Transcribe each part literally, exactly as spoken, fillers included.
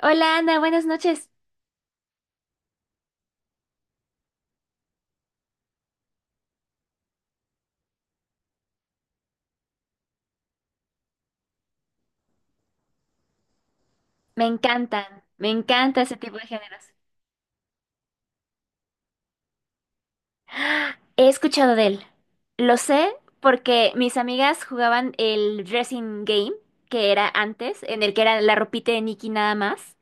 Hola Ana, buenas noches. Me encantan, me encanta ese tipo de géneros. ¡Ah! He escuchado de él. Lo sé porque mis amigas jugaban el dressing game, que era antes, en el que era la ropita de Nicky nada más.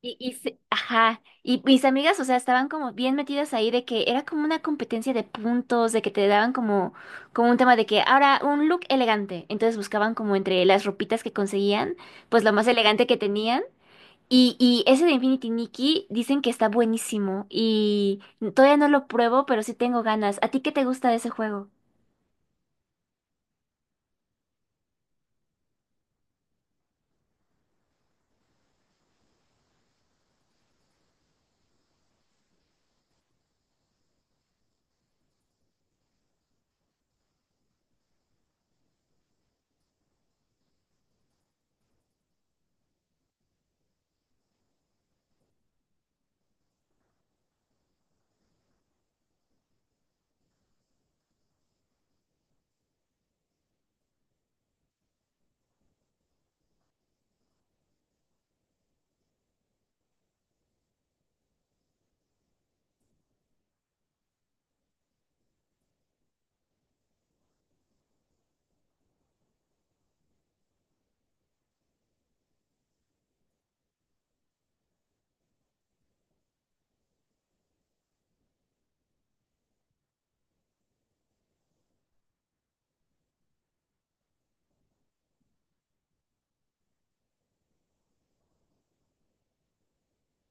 Y, y se- ajá, y mis amigas, o sea, estaban como bien metidas ahí de que era como una competencia de puntos, de que te daban como, como un tema de que ahora un look elegante. Entonces buscaban como entre las ropitas que conseguían, pues lo más elegante que tenían. Y, y ese de Infinity Nikki dicen que está buenísimo y todavía no lo pruebo, pero sí tengo ganas. ¿A ti qué te gusta de ese juego?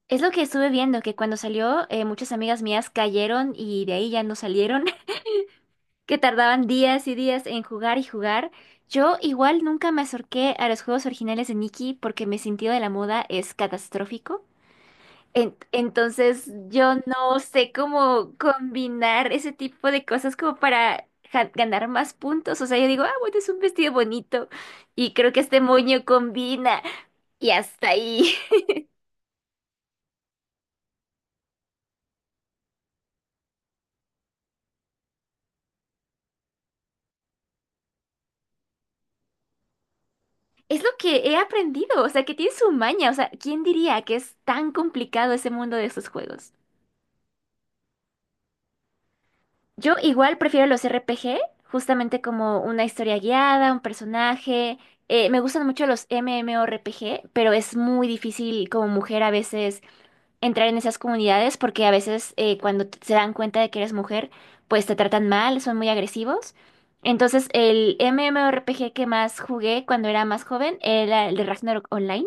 Es lo que estuve viendo, que cuando salió eh, muchas amigas mías cayeron y de ahí ya no salieron, que tardaban días y días en jugar y jugar. Yo igual nunca me acerqué a los juegos originales de Nikki porque mi sentido de la moda es catastrófico. En- entonces yo no sé cómo combinar ese tipo de cosas como para ja- ganar más puntos. O sea, yo digo, ah, bueno, es un vestido bonito y creo que este moño combina y hasta ahí. Es lo que he aprendido, o sea, que tiene su maña. O sea, ¿quién diría que es tan complicado ese mundo de estos juegos? Yo igual prefiero los R P G, justamente como una historia guiada, un personaje. Eh, me gustan mucho los M M O R P G, pero es muy difícil como mujer a veces entrar en esas comunidades porque a veces eh, cuando t- se dan cuenta de que eres mujer, pues te tratan mal, son muy agresivos. Entonces, el M M O R P G que más jugué cuando era más joven era el de Ragnarok Online,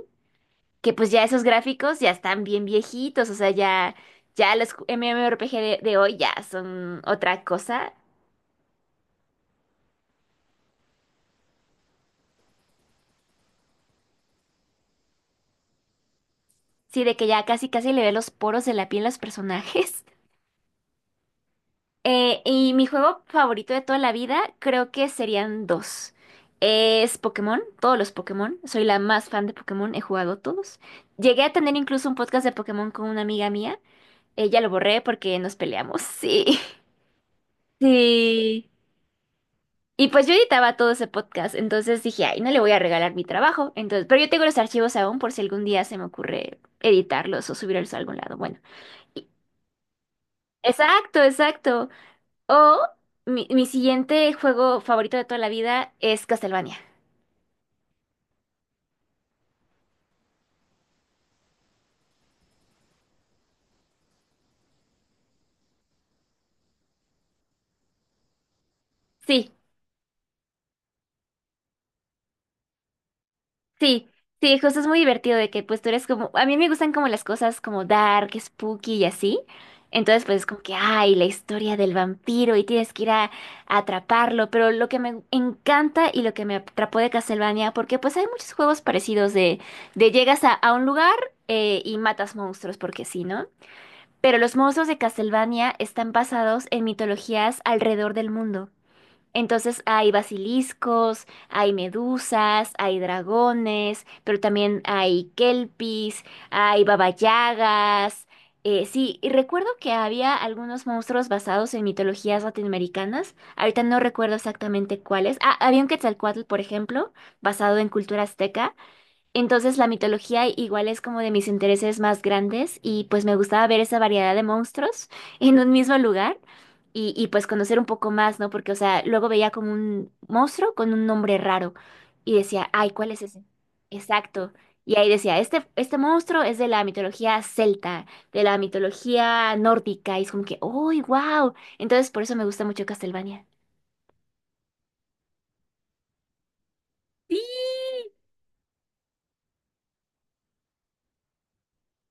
que pues ya esos gráficos ya están bien viejitos, o sea, ya, ya los ju- M M O R P G de, de hoy ya son otra cosa. Sí, de que ya casi casi le ve los poros de la piel a los personajes. Eh, y mi juego favorito de toda la vida creo que serían dos. Es Pokémon, todos los Pokémon. Soy la más fan de Pokémon, he jugado todos. Llegué a tener incluso un podcast de Pokémon con una amiga mía. Ella lo borré porque nos peleamos, sí. Sí. Y pues yo editaba todo ese podcast, entonces dije, ay, no le voy a regalar mi trabajo. Entonces, pero yo tengo los archivos aún por si algún día se me ocurre editarlos o subirlos a algún lado. Bueno, y- exacto, exacto. O mi, mi siguiente juego favorito de toda la vida es Castlevania. Sí, sí, sí, José, es muy divertido de que pues tú eres como, a mí me gustan como las cosas como dark, spooky y así. Entonces pues es como que, ay, la historia del vampiro y tienes que ir a, a atraparlo. Pero lo que me encanta y lo que me atrapó de Castlevania, porque pues hay muchos juegos parecidos de, de llegas a, a un lugar eh, y matas monstruos, porque sí, ¿no? Pero los monstruos de Castlevania están basados en mitologías alrededor del mundo. Entonces hay basiliscos, hay medusas, hay dragones, pero también hay kelpis, hay babayagas. Eh, sí, y recuerdo que había algunos monstruos basados en mitologías latinoamericanas. Ahorita no recuerdo exactamente cuáles. Ah, había un Quetzalcóatl, por ejemplo, basado en cultura azteca. Entonces la mitología igual es como de mis intereses más grandes y pues me gustaba ver esa variedad de monstruos en un mismo lugar y, y pues conocer un poco más, ¿no? Porque, o sea, luego veía como un monstruo con un nombre raro y decía, ay, ¿cuál es ese? Exacto. Y ahí decía, este, este monstruo es de la mitología celta, de la mitología nórdica y es como que, ¡uy, wow! Entonces por eso me gusta mucho Castlevania. Sí.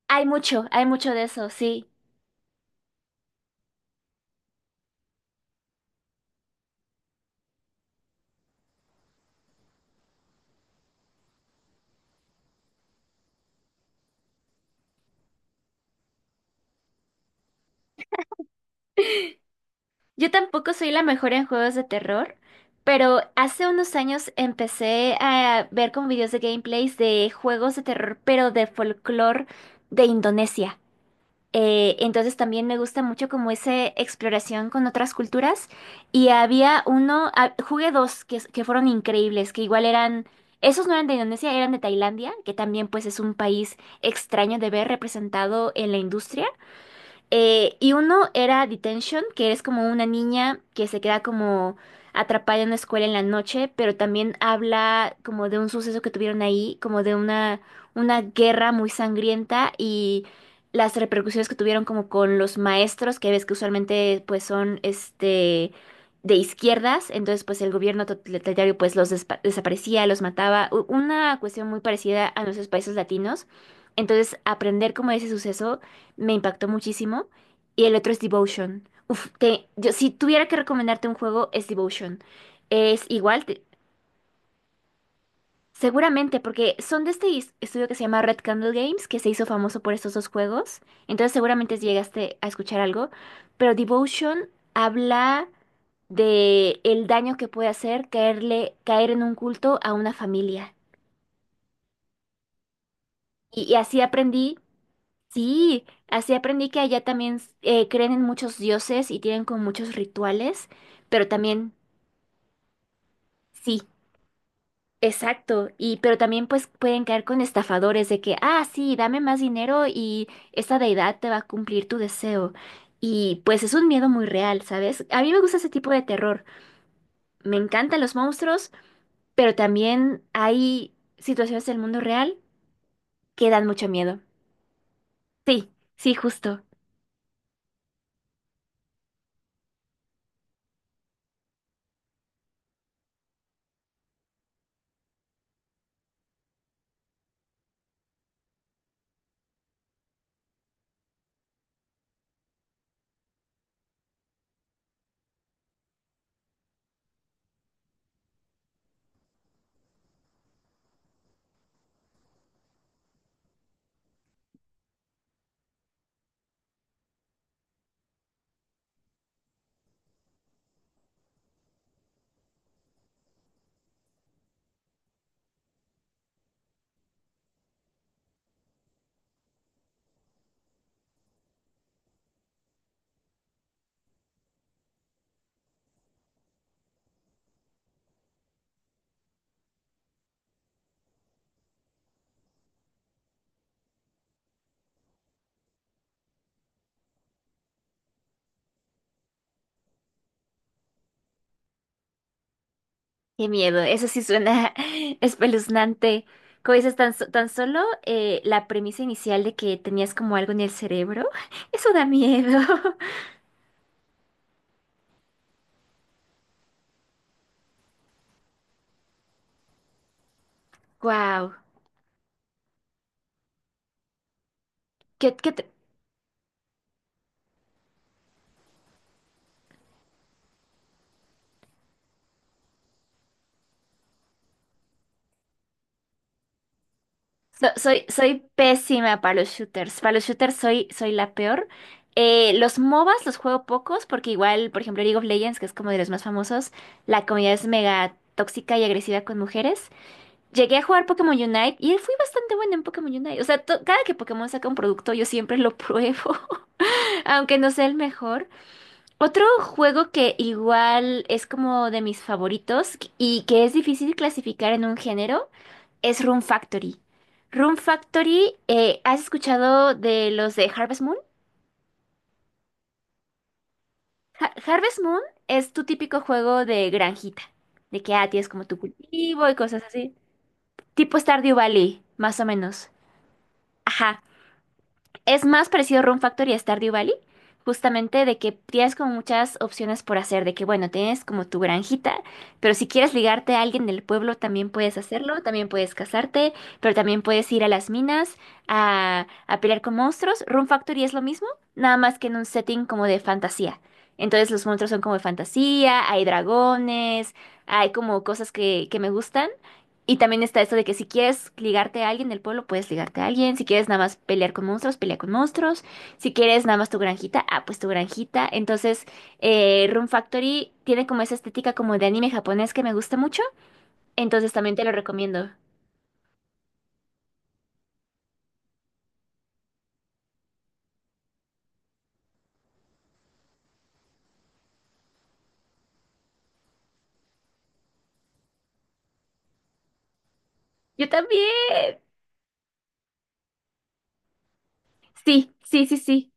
Hay mucho, hay mucho de eso, sí. Yo tampoco soy la mejor en juegos de terror, pero hace unos años empecé a ver como videos de gameplays de juegos de terror, pero de folclore de Indonesia. Eh, entonces también me gusta mucho como esa exploración con otras culturas. Y había uno, ah, jugué dos que, que fueron increíbles, que igual eran, esos no eran de Indonesia, eran de Tailandia, que también pues es un país extraño de ver representado en la industria. Eh, y uno era Detention, que es como una niña que se queda como atrapada en una escuela en la noche, pero también habla como de un suceso que tuvieron ahí, como de una, una guerra muy sangrienta y las repercusiones que tuvieron como con los maestros, que ves que usualmente pues son este de izquierdas, entonces pues el gobierno totalitario pues los despa- desaparecía, los mataba, u- una cuestión muy parecida a nuestros países latinos. Entonces, aprender como de ese suceso me impactó muchísimo. Y el otro es Devotion. Uf, te, yo, si tuviera que recomendarte un juego, es Devotion. Es igual, te- seguramente, porque son de este is- estudio que se llama Red Candle Games, que se hizo famoso por estos dos juegos. Entonces seguramente llegaste a escuchar algo. Pero Devotion habla de el daño que puede hacer caerle, caer en un culto a una familia. Y, y así aprendí. Sí, así aprendí que allá también eh, creen en muchos dioses y tienen como muchos rituales, pero también, sí, exacto, y pero también pues pueden caer con estafadores de que, ah, sí, dame más dinero y esta deidad te va a cumplir tu deseo. Y pues es un miedo muy real, ¿sabes? A mí me gusta ese tipo de terror. Me encantan los monstruos, pero también hay situaciones del mundo real que dan mucho miedo. Sí, sí, justo. Qué miedo, eso sí suena espeluznante. Como dices, tan, so- tan solo eh, la premisa inicial de que tenías como algo en el cerebro, eso da miedo. Wow. ¿Qué, qué te- so- Soy, soy pésima para los shooters. Para los shooters soy, soy la peor. Eh, los M O B As los juego pocos porque igual, por ejemplo, League of Legends, que es como de los más famosos, la comunidad es mega tóxica y agresiva con mujeres. Llegué a jugar Pokémon Unite y fui bastante buena en Pokémon Unite. O sea, to- cada que Pokémon saca un producto, yo siempre lo pruebo, aunque no sea el mejor. Otro juego que igual es como de mis favoritos y que es difícil clasificar en un género es Rune Factory. Rune Factory, eh, ¿has escuchado de los de Harvest Moon? Ha- Harvest Moon es tu típico juego de granjita, de que ah, tienes como tu cultivo y cosas así. Tipo Stardew Valley, más o menos. Ajá. Es más parecido a Room Factory y a Stardew Valley, justamente de que tienes como muchas opciones por hacer, de que bueno, tienes como tu granjita, pero si quieres ligarte a alguien del pueblo también puedes hacerlo, también puedes casarte, pero también puedes ir a las minas a, a pelear con monstruos. Room Factory es lo mismo, nada más que en un setting como de fantasía. Entonces los monstruos son como de fantasía, hay dragones, hay como cosas que, que me gustan. Y también está esto de que si quieres ligarte a alguien del pueblo, puedes ligarte a alguien. Si quieres nada más pelear con monstruos, pelea con monstruos. Si quieres nada más tu granjita, ah, pues tu granjita. Entonces, eh, Room Factory tiene como esa estética como de anime japonés que me gusta mucho. Entonces también te lo recomiendo. Yo también. Sí, sí, sí, sí.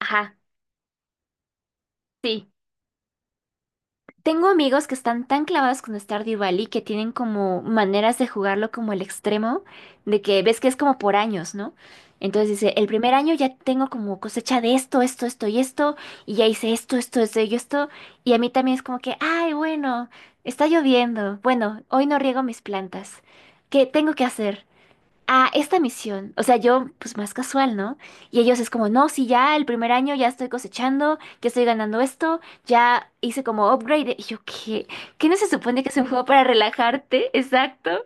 Ajá, sí. Tengo amigos que están tan clavados con Stardew Valley que tienen como maneras de jugarlo como el extremo, de que ves que es como por años, ¿no? Entonces dice, el primer año ya tengo como cosecha de esto, esto, esto y esto, y ya hice esto, esto, esto y esto, y a mí también es como que, ay, bueno, está lloviendo, bueno, hoy no riego mis plantas, ¿qué tengo que hacer? A esta misión. O sea, yo, pues más casual, ¿no? Y ellos es como, no, sí, ya el primer año ya estoy cosechando, ya estoy ganando esto, ya hice como upgrade. Y yo, ¿qué? ¿Qué no se supone que es un juego para relajarte? Exacto.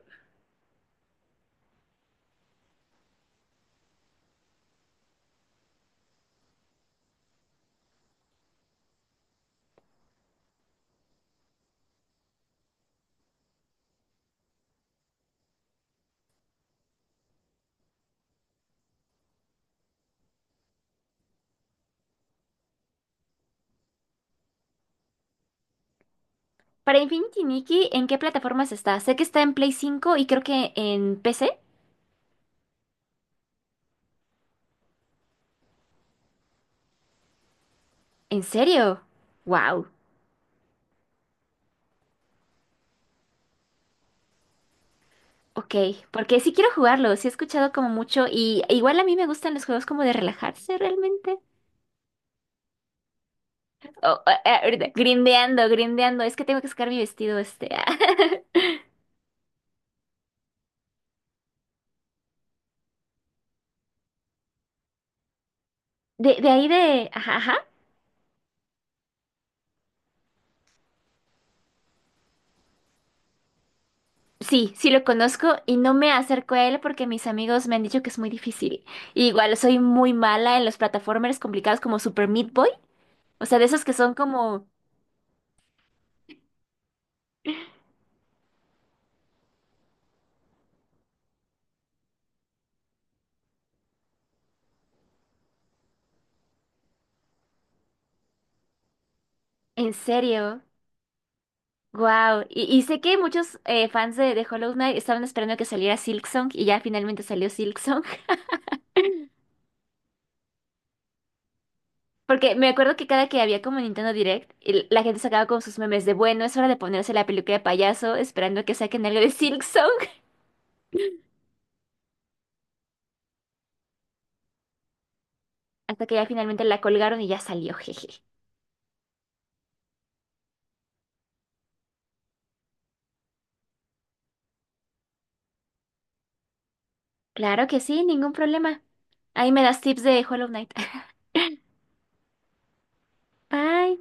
Para Infinity Nikki, ¿en qué plataformas está? Sé que está en Play cinco y creo que en P C. ¿En serio? Wow. Ok, porque sí quiero jugarlo, sí he escuchado como mucho y igual a mí me gustan los juegos como de relajarse realmente. Oh, ah, ah, ahorita, grindeando, grindeando. Es que tengo que sacar mi vestido este. Ah. De, de ahí de... Ajá, ajá. Sí, sí lo conozco y no me acerco a él porque mis amigos me han dicho que es muy difícil. Y igual soy muy mala en los plataformers complicados como Super Meat Boy. O sea, de esos que son como... En serio. Wow. Y, y sé que muchos eh, fans de, de Hollow Knight estaban esperando que saliera Silksong y ya finalmente salió Silksong. Porque me acuerdo que cada que había como Nintendo Direct, y la gente sacaba con sus memes de, bueno, es hora de ponerse la peluca de payaso esperando que saquen algo de Silk Song. Hasta que ya finalmente la colgaron y ya salió, jeje. Claro que sí, ningún problema. Ahí me das tips de Hollow Knight. Bye.